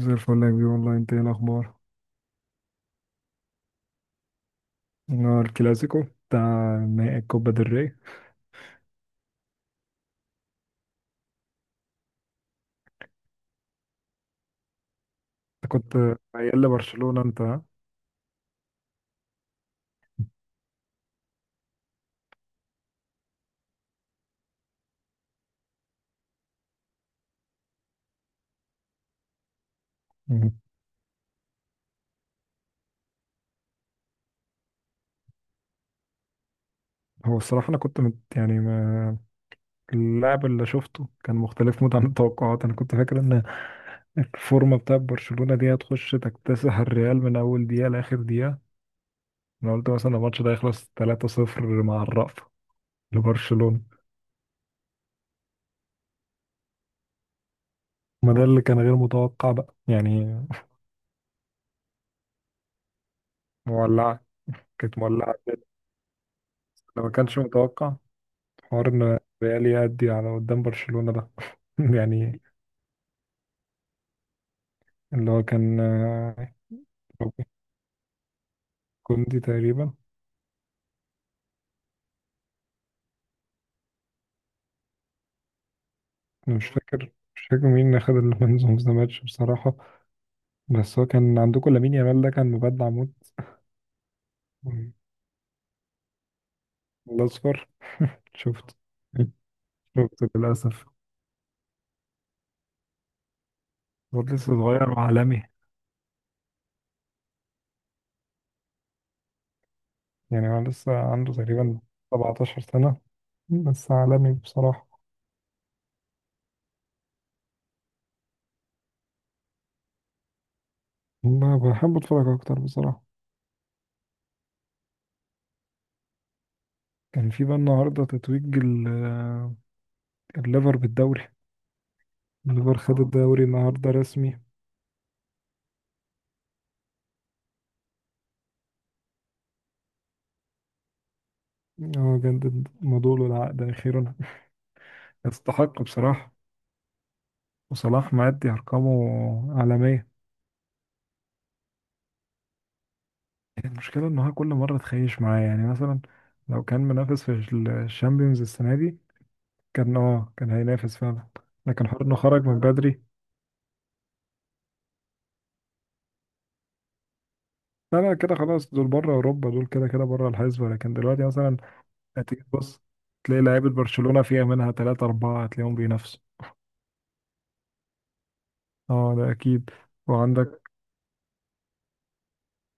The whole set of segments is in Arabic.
زي الفل يا كبير، والله. انت ايه الاخبار؟ انا الكلاسيكو بتاع نهائي الكوبا del ري. انت كنت ميال لبرشلونة انت، ها؟ مم. هو الصراحة انا كنت مت، يعني ما اللاعب اللي شفته كان مختلف موت عن التوقعات. انا كنت فاكر ان الفورمة بتاع برشلونة دي هتخش تكتسح الريال من اول دقيقة لاخر دقيقة. انا قلت مثلا الماتش ده يخلص 3-0 مع الرأفة لبرشلونة. ما ده اللي كان غير متوقع بقى يعني. مولعة. كانت مولعة جدا. ده ما كانش متوقع حوار ان ريال يأدي على قدام برشلونة ده. يعني اللي هو كان كوندي تقريبا. أنا مش فاكر مين اللي خد المان اوف ذا ماتش بصراحة. بس هو كان عندكم لامين يامال، ده كان مبدع موت. الأصفر. شفت شفت للأسف. هو لسه صغير وعالمي. يعني هو لسه عنده تقريبا 17 سنة، بس عالمي بصراحة. ما بحب أتفرج أكتر بصراحة. كان في بقى النهاردة تتويج الليفر بالدوري. الليفر خد الدوري النهارده رسمي. هو جدد مدوله العقد أخيرا. يستحق بصراحة. وصلاح مأدي أرقامه عالمية. المشكلة إن هو كل مرة تخيش معاه. يعني مثلا لو كان منافس في الشامبيونز السنة دي، كان هينافس فعلا. لكن حوار إنه خرج من بدري. لا، لا، كده خلاص دول بره أوروبا. دول كده كده بره الحسبة، لكن دلوقتي مثلا هتيجي تبص تلاقي لعيبة برشلونة فيها منها تلاتة أربعة هتلاقيهم بينافسوا. اه، ده أكيد. وعندك،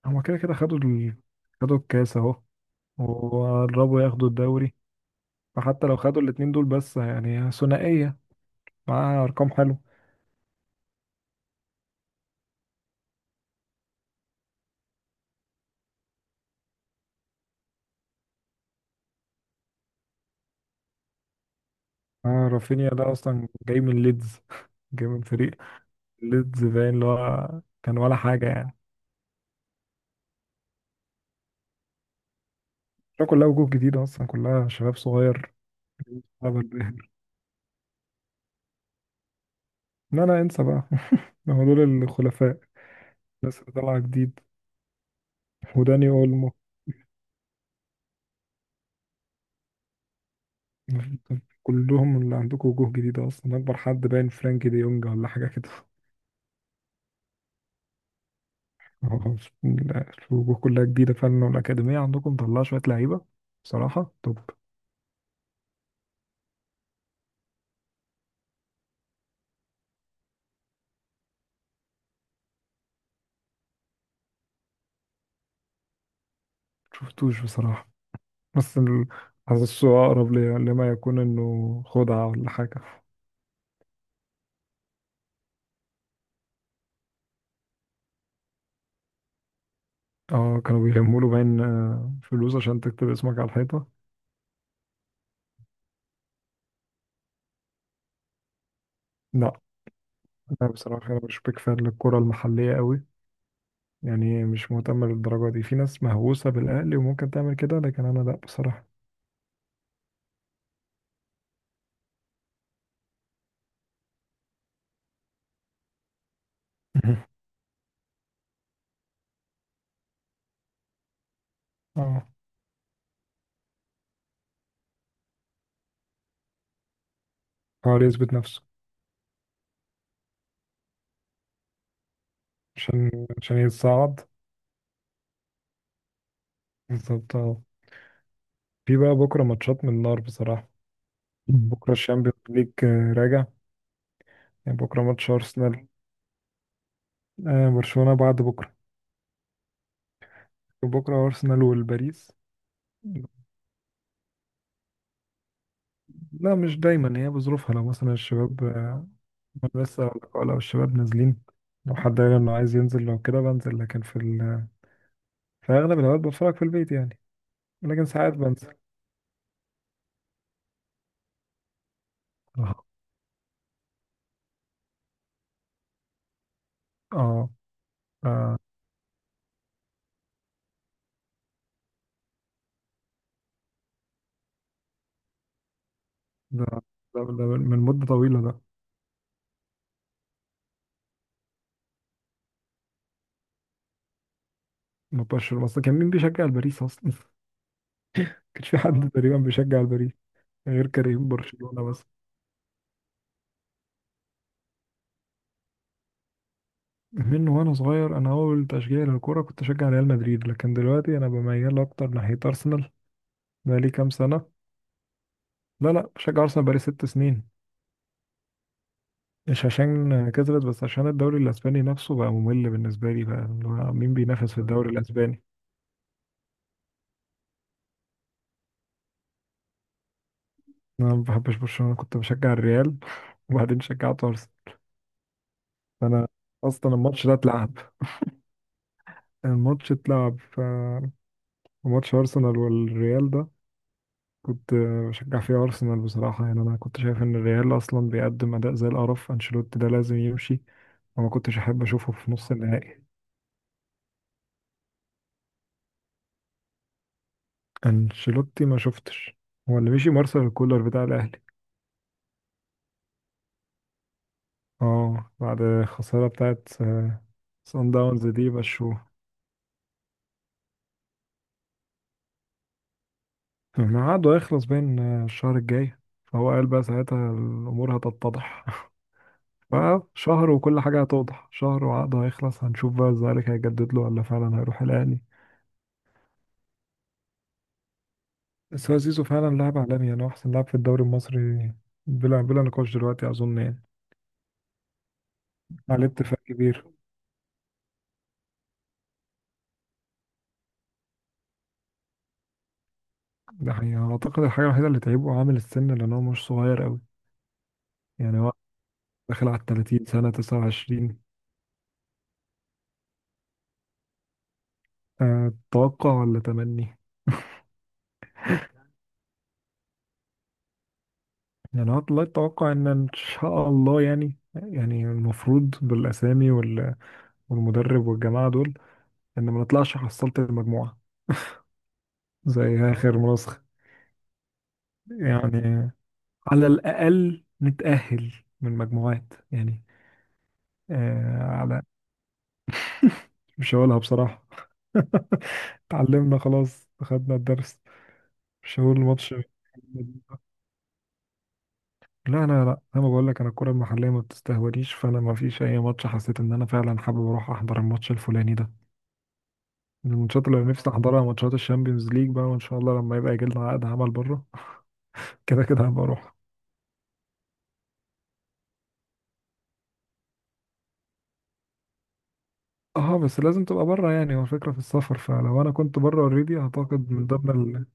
هما كده كده خدوا الكاس اهو، وقربوا ياخدوا الدوري. فحتى لو خدوا الاتنين دول بس، يعني ثنائية معاها أرقام حلوة. آه، رافينيا ده أصلا جاي من ليدز جاي من فريق ليدز، باين اللي هو كان ولا حاجة يعني. ده كلها وجوه جديدة أصلا، كلها شباب صغير. مستقبل باهر. لا، لا، انسى بقى هما دول الخلفاء، الناس اللي طالعة جديد. وداني أولمو. كلهم اللي عندكم وجوه جديدة أصلا. أكبر حد باين فرانكي دي يونج ولا حاجة كده. هو الوجوه كلها جديدة فعلا، والأكاديمية عندكم مطلعة شوية لعيبة بصراحة. طب شفتوش بصراحة، بس حاسسه أقرب لما يكون إنه خدعة ولا حاجة. اه، كانوا بيلموا له باين فلوس عشان تكتب اسمك على الحيطة. لا. أنا بصراحة، أنا مش بيك فان للكرة المحلية قوي. يعني مش مهتم للدرجة دي. في ناس مهووسة بالأهلي وممكن تعمل كده، لكن أنا لا بصراحة. اه، حاول يثبت نفسه عشان يتصعد بالظبط، آه. في بقى بكرة ماتشات من النار بصراحة. بكرة الشامبيونز ليج راجع. يعني بكرة ماتش أرسنال. آه، برشلونة بعد بكرة. بكرة أرسنال والباريس. لا، مش دايما، هي بظروفها. لو مثلا الشباب، لسه أقول لك، لو الشباب نازلين، لو حد قال إنه عايز ينزل، لو كده بنزل. لكن في في أغلب الأوقات بتفرج في البيت يعني، لكن ساعات بنزل. اه، آه، آه، ده, ده من مدة طويلة ده. مبقاش أصلا كان مين بيشجع الباريس أصلا؟ مكانش في حد تقريبا بيشجع الباريس غير كريم برشلونة بس. من وانا صغير، انا اول تشجيع للكوره كنت اشجع ريال مدريد، لكن دلوقتي انا بميل اكتر ناحيه ارسنال بقالي كام سنه. لا، لا، بشجع ارسنال بقالي 6 سنين. مش عشان كسبت، بس عشان الدوري الاسباني نفسه بقى ممل بالنسبه لي بقى. اللي هو مين بينافس في الدوري الاسباني؟ انا ما بحبش برشلونه، كنت بشجع الريال. وبعدين شجعت ارسنال. فانا اصلا الماتش ده اتلعب، الماتش اتلعب ف ماتش ارسنال والريال ده كنت بشجع فيه أرسنال بصراحة. يعني أنا كنت شايف إن الريال أصلا بيقدم أداء زي القرف. أنشيلوتي ده لازم يمشي، وما كنتش أحب أشوفه في نص النهائي. أنشيلوتي ما شفتش. هو اللي مشي مارسيل كولر بتاع الأهلي. اه، بعد الخسارة بتاعت صن داونز دي مشوه. ما عقده هيخلص بين الشهر الجاي، فهو قال بقى ساعتها الأمور هتتضح. بقى شهر وكل حاجة هتوضح. شهر وعقده هيخلص، هنشوف بقى الزمالك هيجدد له ولا فعلا هيروح الأهلي. بس هو زيزو فعلا لاعب عالمي. يعني هو أحسن لاعب في الدوري المصري بلا بلا نقاش دلوقتي، أظن يعني. عليه اتفاق كبير. ده حقيقة، أعتقد الحاجة الوحيدة اللي تعيبه عامل السن، لأن هو مش صغير أوي. يعني هو داخل على الـ30 سنة، 29. أه، توقع ولا تمني؟ يعني هو والله التوقع إن إن شاء الله يعني المفروض بالأسامي والمدرب والجماعة دول، إن ما نطلعش حصلت المجموعة زي آخر منسخة. يعني على الأقل نتأهل من مجموعات يعني. آه على مش هقولها بصراحة. اتعلمنا خلاص، خدنا الدرس. مش هقول الماتش. لا، لا، لا، انا بقول لك، انا الكرة المحلية ما بتستهونيش. فانا ما فيش اي ماتش حسيت ان انا فعلا حابب اروح احضر الماتش الفلاني ده. من الماتشات اللي نفسي احضرها ماتشات الشامبيونز ليج بقى، وان شاء الله لما يبقى يجي لنا عقد عمل بره كده كده هبقى اروح. اه، بس لازم تبقى بره. يعني هو الفكرة في السفر، فلو انا كنت بره اوريدي اعتقد من ضمن.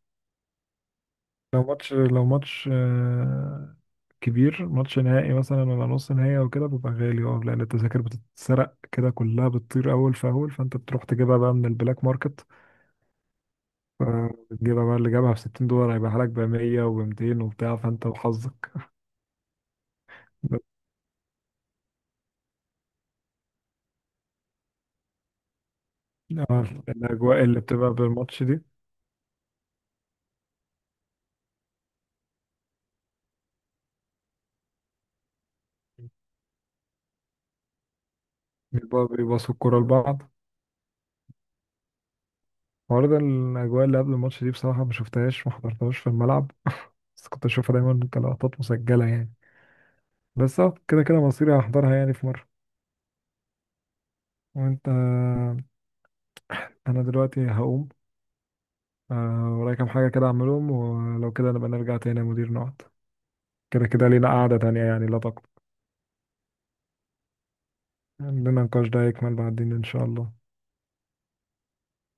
لو ماتش كبير، ماتش نهائي مثلا ولا نص نهائي او كده، بيبقى غالي. اه، لان التذاكر بتتسرق كده، كلها بتطير اول فاول. فانت بتروح تجيبها بقى من البلاك ماركت. فتجيبها بقى اللي جابها ب 60 دولار هيبقى لك ب 100 و200 وبتاع، فانت وحظك. بس الاجواء اللي بتبقى بالماتش دي بيبقى بيباصوا الكوره لبعض. برضه الاجواء اللي قبل الماتش دي بصراحه ما شفتهاش، ما حضرتهاش في الملعب. بس كنت اشوفها دايما كلقطات مسجله يعني. بس كده كده مصيري هحضرها يعني في مرة. وانت انا دلوقتي هقوم، ورايا كام حاجة كده اعملهم، ولو كده نبقى نرجع تاني يا مدير نقعد. كده كده لينا قعدة تانية، يعني لا تقلق. عندنا نقاش ده يكمل بعدين ان شاء الله.